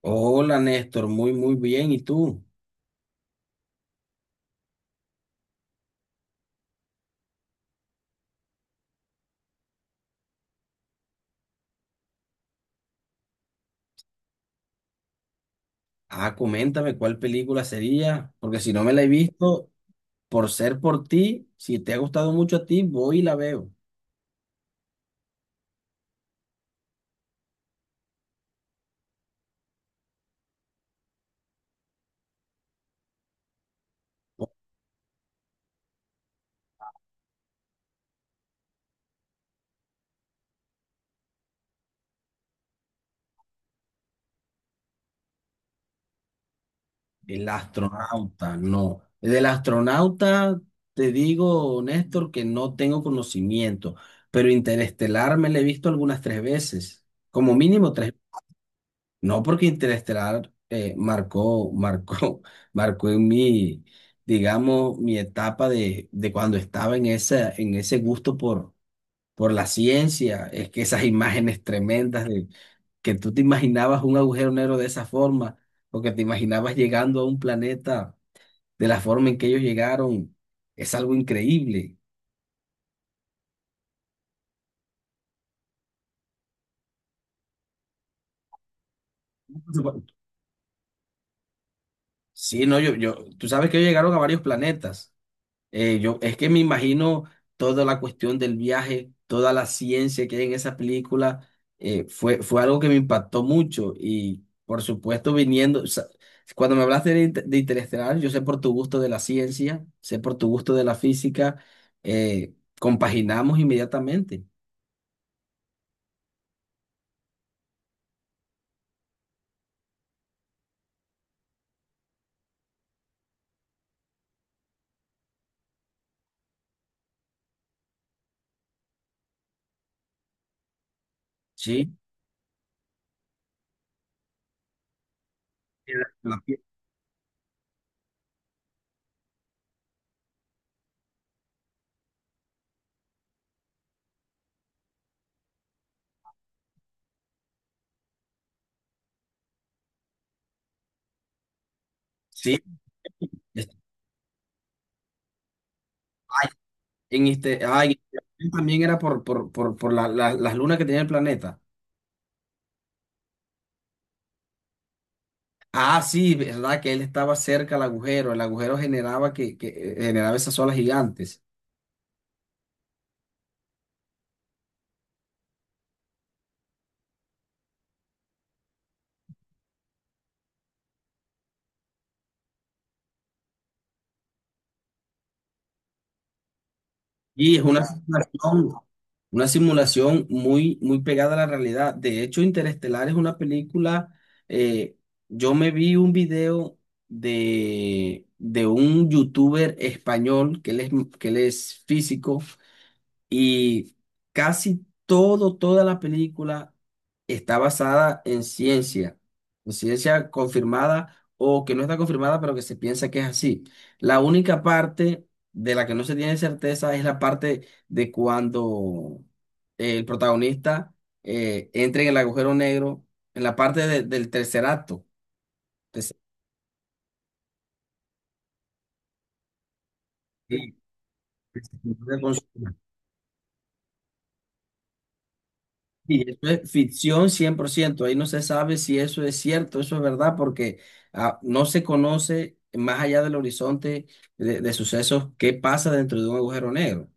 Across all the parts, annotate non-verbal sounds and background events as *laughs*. Hola Néstor, muy muy bien. ¿Y tú? Ah, coméntame cuál película sería, porque si no me la he visto, por ser por ti, si te ha gustado mucho a ti, voy y la veo. El astronauta, no. Del astronauta, te digo, Néstor, que no tengo conocimiento, pero Interestelar me la he visto algunas 3 veces, como mínimo tres. No, porque Interestelar marcó, marcó, *laughs* marcó en mí, digamos, mi etapa de, cuando estaba en esa, en ese gusto por la ciencia. Es que esas *laughs* imágenes tremendas de que tú te imaginabas un agujero negro de esa forma, o que te imaginabas llegando a un planeta de la forma en que ellos llegaron, es algo increíble. Sí, no, yo, tú sabes que ellos llegaron a varios planetas. Es que me imagino toda la cuestión del viaje, toda la ciencia que hay en esa película. Fue algo que me impactó mucho y, por supuesto, viniendo, o sea, cuando me hablaste de, de Interestelar, yo sé por tu gusto de la ciencia, sé por tu gusto de la física, eh, compaginamos inmediatamente, ¿sí? En la- Sí, es- ay, en este, ay, también era por las lunas que tenía el planeta. Ah, sí, verdad que él estaba cerca al agujero. El agujero generaba que generaba esas olas gigantes. Y es una simulación muy, muy pegada a la realidad. De hecho, Interestelar es una película. eh, yo me vi un video de un youtuber español que él es físico. Y casi todo, toda la película está basada en ciencia confirmada o que no está confirmada, pero que se piensa que es así. La única parte de la que no se tiene certeza es la parte de cuando el protagonista entra en el agujero negro, en la parte del tercer acto. Que se- Y eso es ficción 100%. Ahí no se sabe si eso es cierto, eso es verdad, porque no se conoce más allá del horizonte de, sucesos qué pasa dentro de un agujero negro.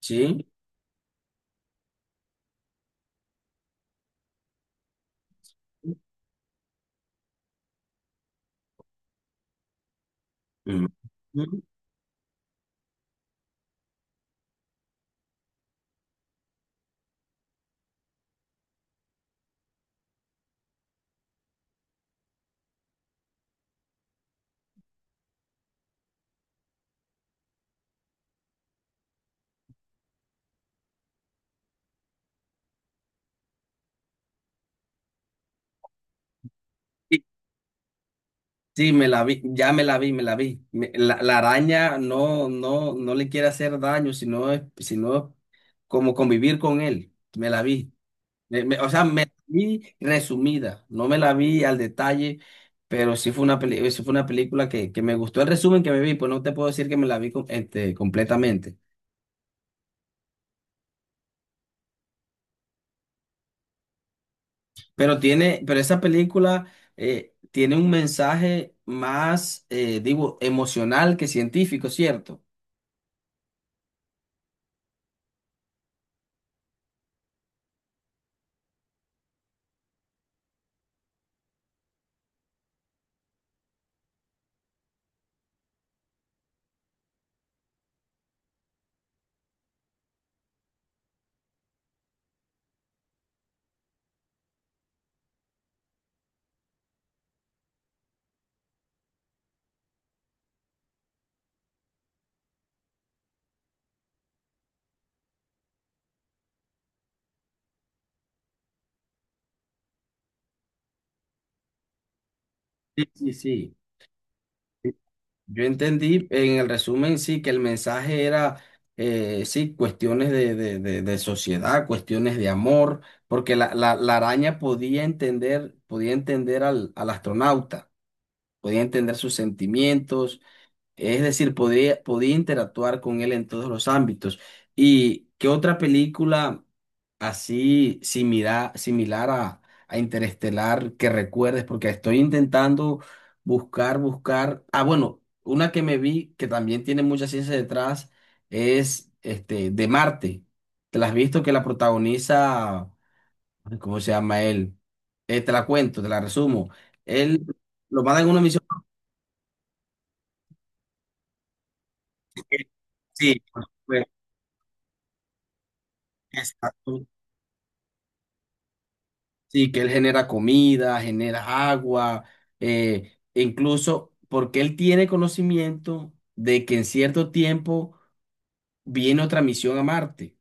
¿Sí? Mm. Mm. Sí, sí, me la vi, ya me la vi, me la vi. La, araña no, no, no le quiere hacer daño, sino, como convivir con él. Me la vi. O sea, me la vi resumida, no me la vi al detalle, pero sí fue una película que, me gustó el resumen que me vi, pues no te puedo decir que me la vi este, completamente. Pero esa película tiene un mensaje más, digo, emocional que científico, ¿cierto? Sí, sí, sí. Yo entendí en el resumen, sí, que el mensaje era, sí, cuestiones de sociedad, cuestiones de amor, porque la araña podía entender al astronauta, podía entender sus sentimientos, es decir, podría, podía interactuar con él en todos los ámbitos. ¿Y qué otra película así similar a Interestelar que recuerdes? Porque estoy intentando buscar, buscar. Ah, bueno, una que me vi que también tiene mucha ciencia detrás es de Marte. ¿Te la has visto? Que la protagoniza, ay, ¿cómo se llama él? Te la cuento, te la resumo. Él lo mandan en una misión. Sí, exacto. Sí, que él genera comida, genera agua, e incluso porque él tiene conocimiento de que en cierto tiempo viene otra misión a Marte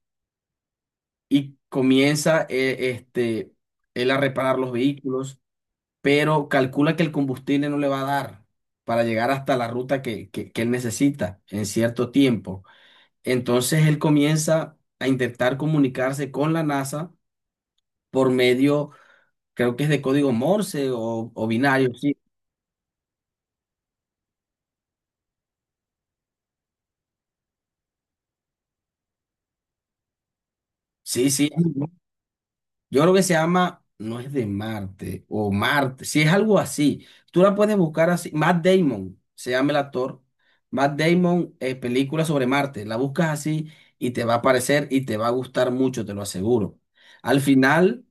y comienza él a reparar los vehículos, pero calcula que el combustible no le va a dar para llegar hasta la ruta que él necesita en cierto tiempo. Entonces él comienza a intentar comunicarse con la NASA por medio, creo que es, de código Morse o binario, sí. Sí, sí. Yo creo que se llama, no es, de Marte o Marte, sí es algo así. Tú la puedes buscar así. Matt Damon, se llama el actor. Matt Damon, película sobre Marte. La buscas así y te va a aparecer y te va a gustar mucho, te lo aseguro. Al final,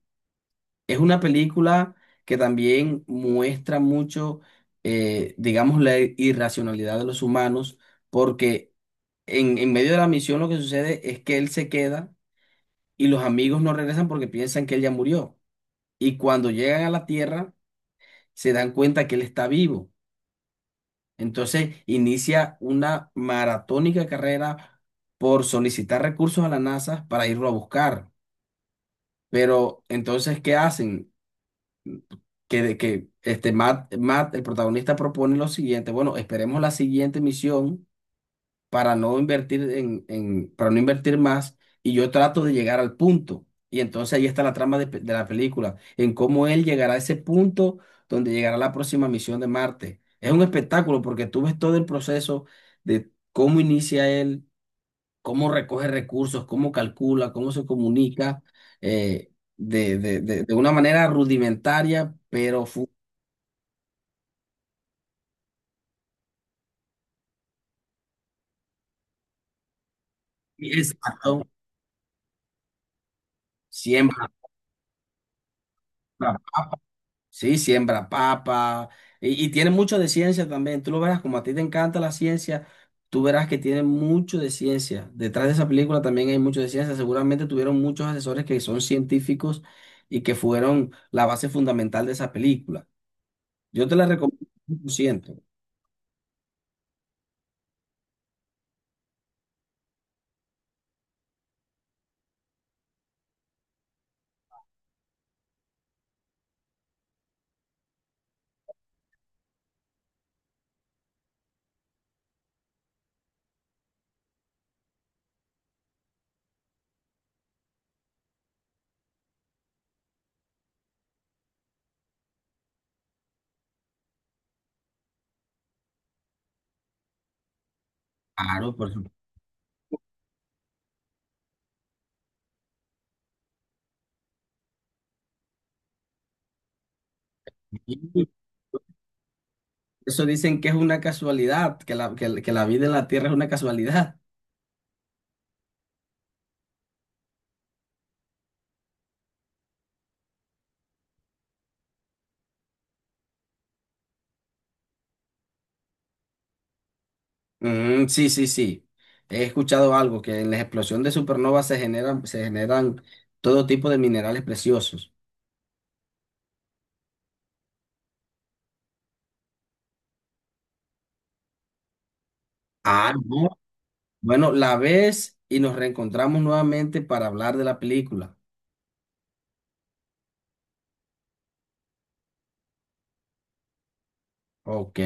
es una película que también muestra mucho, digamos, la irracionalidad de los humanos, porque en medio de la misión lo que sucede es que él se queda y los amigos no regresan porque piensan que él ya murió. Y cuando llegan a la Tierra se dan cuenta que él está vivo. Entonces inicia una maratónica carrera por solicitar recursos a la NASA para irlo a buscar. Pero entonces, ¿qué hacen? Que este Matt, el protagonista, propone lo siguiente. Bueno, esperemos la siguiente misión para no invertir para no invertir más y yo trato de llegar al punto. Y entonces ahí está la trama de la película, en cómo él llegará a ese punto donde llegará la próxima misión de Marte. Es un espectáculo porque tú ves todo el proceso de cómo inicia él, cómo recoge recursos, cómo calcula, cómo se comunica, eh, de una manera rudimentaria, pero exacto, siembra. Sí, siembra papa y tiene mucho de ciencia también. Tú lo verás, como a ti te encanta la ciencia, tú verás que tiene mucho de ciencia. Detrás de esa película también hay mucho de ciencia. Seguramente tuvieron muchos asesores que son científicos y que fueron la base fundamental de esa película. Yo te la recomiendo 100%. Claro, por supuesto. Eso dicen que es una casualidad, la que la vida en la Tierra es una casualidad. Mm, sí, sí, sí. He escuchado algo, que en la explosión de supernovas se generan todo tipo de minerales preciosos. Ah, no. Bueno, la ves y nos reencontramos nuevamente para hablar de la película. Ok.